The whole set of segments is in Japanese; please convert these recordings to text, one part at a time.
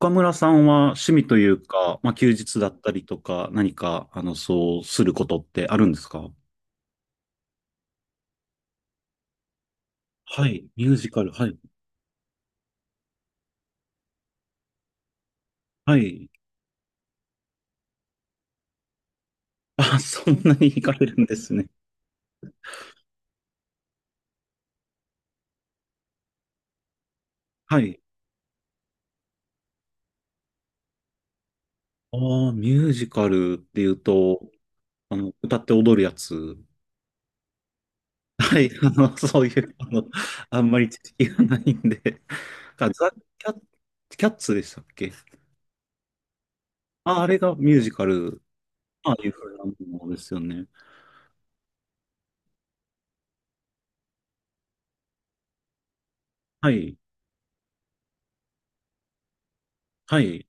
岡村さんは趣味というか、まあ、休日だったりとか、何か、そうすることってあるんですか？はい、ミュージカル、はい、はい。あ、そんなに惹かれるんですね。はい。ああ、ミュージカルっていうと、歌って踊るやつ。はい、そういう、あんまり知識がないんで。あザ・キャッ、キャッツでしたっけ？あ、あれがミュージカル、ああいうふうなものですよね。はい、はい、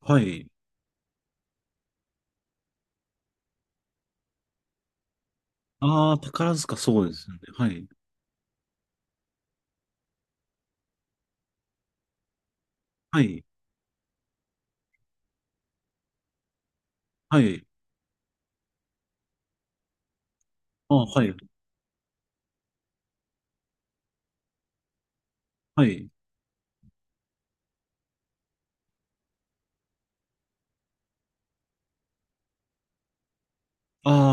はい。ああ、宝塚、そうですよね。はい。はい。はい。ああ、はい。はい。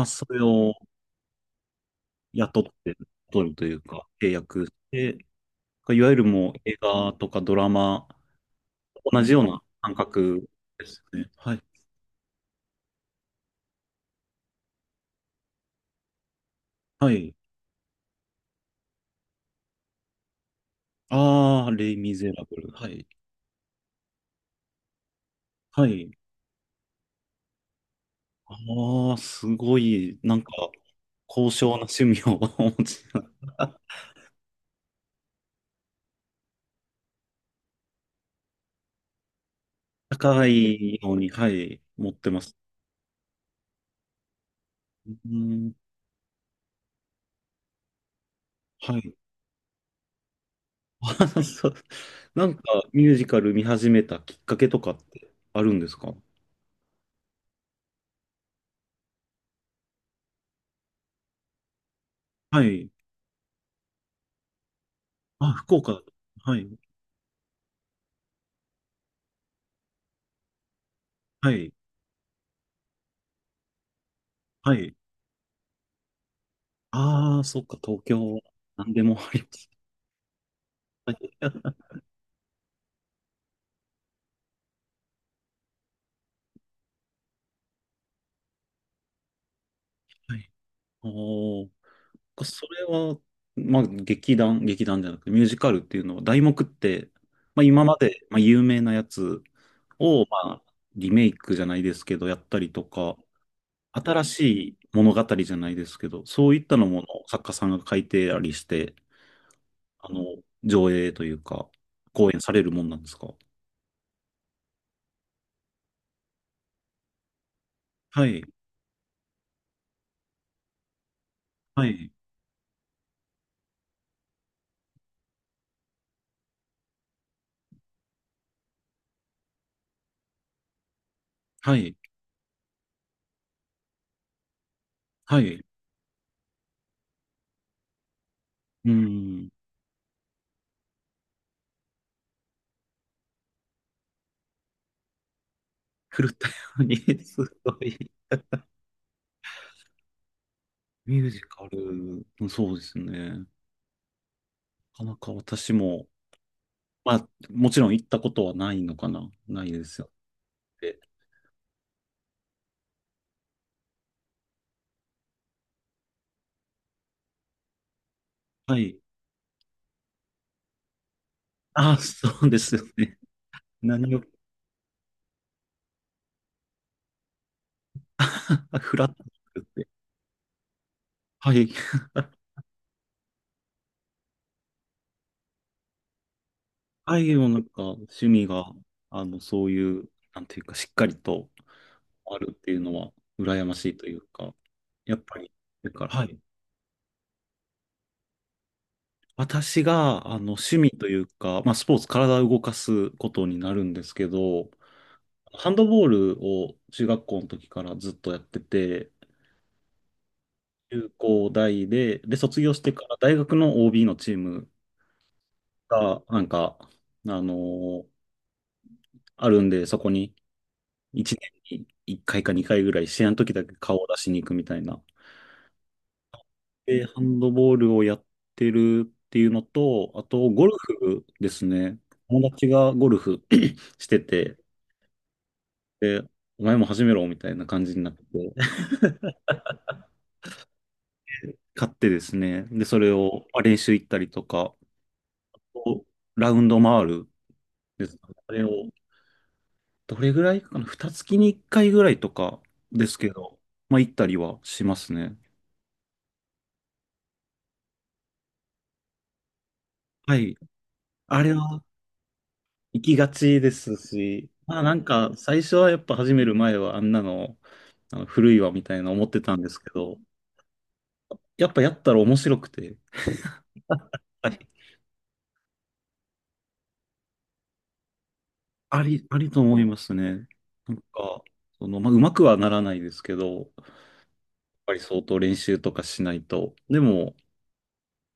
ああ、それを雇って、取るというか、契約して、いわゆるもう映画とかドラマ、同じような感覚ですね。はい。はい。ああ、レイ・ミゼラブル。はい。はい。ああ、すごい、なんか、高尚な趣味を お持ちな。高いのに、はい、持ってます。うーん、はい。あ、そう。なんか、ミュージカル見始めたきっかけとかってあるんですか？はい。あ、福岡。はい。はい。はい。ああ、そっか、東京。なんでもあります。はい。おー。それは、まあ、劇団じゃなくて、ミュージカルっていうのは、題目って、まあ、今まで、まあ、有名なやつを、まあ、リメイクじゃないですけど、やったりとか、新しい物語じゃないですけど、そういったのものを作家さんが書いてありして、あの、上映というか、公演されるもんなんですか？はい、はい、はい、はい。うん。古田よに すごい。ミュージカル、うんそうですね。なかなか私も、まあ、もちろん行ったことはないのかなないですよね。はい。ああ、そうですよね。何を、フラッと作って。はい。はい、もうなんか、趣味が、そういう、なんていうか、しっかりと、あるっていうのは羨ましいというか、やっぱり、だから、はい。私が趣味というか、まあ、スポーツ、体を動かすことになるんですけど、ハンドボールを中学校の時からずっとやってて、中高大で、卒業してから大学の OB のチームが、なんか、あのーあるんで、そこに1年に1回か2回ぐらい、試合の時だけ顔を出しに行くみたいなで、ハンドボールをやってるっていうのと、あと、ゴルフですね。友達がゴルフ してて、で、お前も始めろみたいな感じになって、買ってですね、で、それをまあ練習行ったりとか、ラウンド回るですかね。あれを、どれぐらいかな、二月に一回ぐらいとかですけど、まあ行ったりはしますね。はい。あれは、行きがちですし、まあなんか最初はやっぱ始める前はあんなの、あの古いわみたいな思ってたんですけど、やっぱやったら面白くて、あり、あり、ありと思いますね。なんか、その、まあうまくはならないですけど、やっぱり相当練習とかしないと。でも、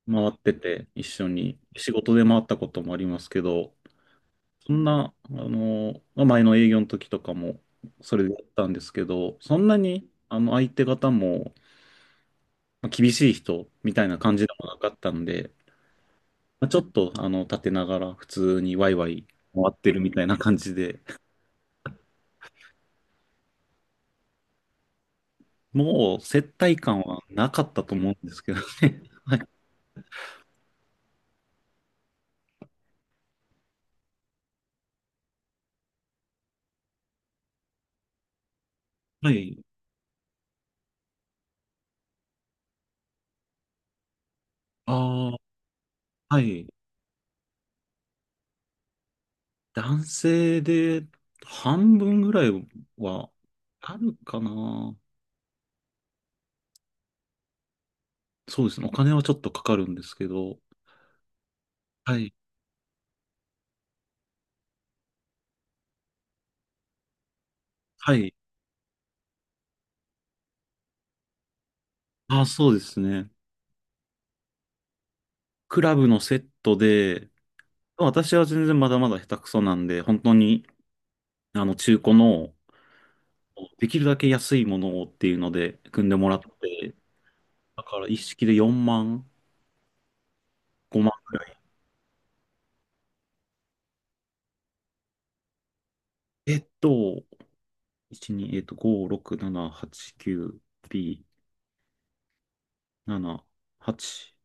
回ってて一緒に仕事で回ったこともありますけど、そんな、まあ前の営業の時とかもそれでやったんですけど、そんなにあの相手方も厳しい人みたいな感じでもなかったんで、まあ、ちょっと立てながら普通にワイワイ回ってるみたいな感じで、もう接待感はなかったと思うんですけどね。はい。はい。ああ、はい。男性で半分ぐらいはあるかな。そうですね。お金はちょっとかかるんですけど。はい。はい。ああ、そうですね。クラブのセットで、私は全然まだまだ下手くそなんで、本当に、中古のできるだけ安いものをっていうので組んでもらって、だから一式で4万、5万ぐらい。えっと、1、2、5、6、7、8、9、B、7、8、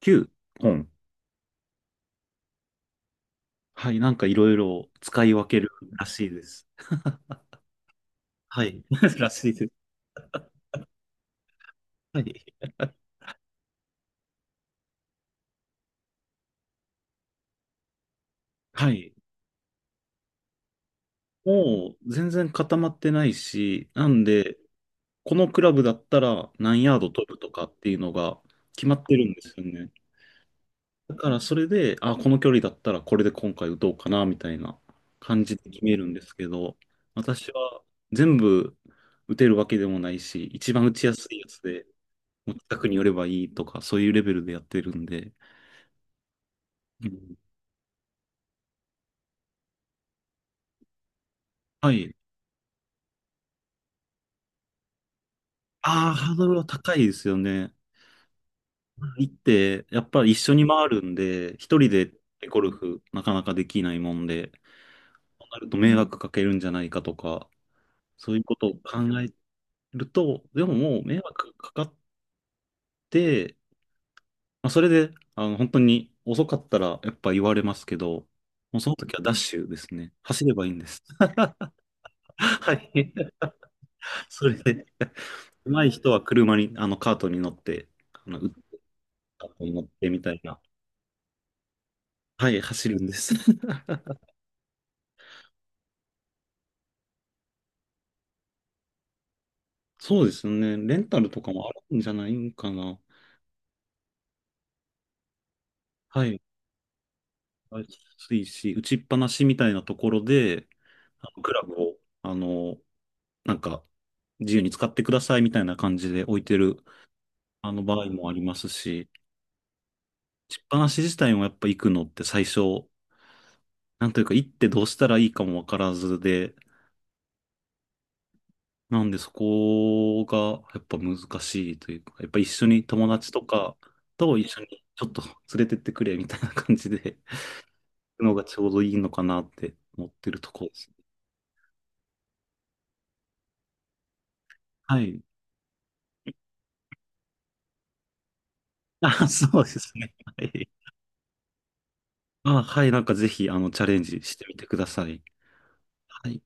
9本。はい、なんかいろいろ使い分けるらしいです。はい。らしいです。はい。はい。もう全然固まってないし、なんで、このクラブだったら何ヤード飛ぶとかっていうのが決まってるんですよね。だからそれで、あ、この距離だったらこれで今回打とうかな、みたいな感じで決めるんですけど、私は全部打てるわけでもないし、一番打ちやすいやつで、もう近くに寄ればいいとか、そういうレベルでやってるんで、うん、はい。ああ、ハードルは高いですよね。行って、やっぱり一緒に回るんで、一人でゴルフなかなかできないもんで、そうなると迷惑かけるんじゃないかとか、そういうことを考えると、でももう迷惑かかって、まあ、それで、本当に遅かったらやっぱ言われますけど、もうその時はダッシュですね。走ればいいんです。はい。それで、上手い人は車に、カートに乗って、カートに乗ってみたいな。はい、走るんです。そうですね。レンタルとかもあるんじゃないんかな。はい。安いし、打ちっぱなしみたいなところで、あのクラブを、なんか、自由に使ってくださいみたいな感じで置いてる、場合もありますし、しっぱなし自体もやっぱ行くのって最初、なんというか行ってどうしたらいいかもわからずで、なんでそこがやっぱ難しいというか、やっぱ一緒に友達とかと一緒にちょっと連れてってくれみたいな感じで、のがちょうどいいのかなって思ってるところです。はい。あ、そうですね。はい。あ、はい、なんかぜひチャレンジしてみてください。はい。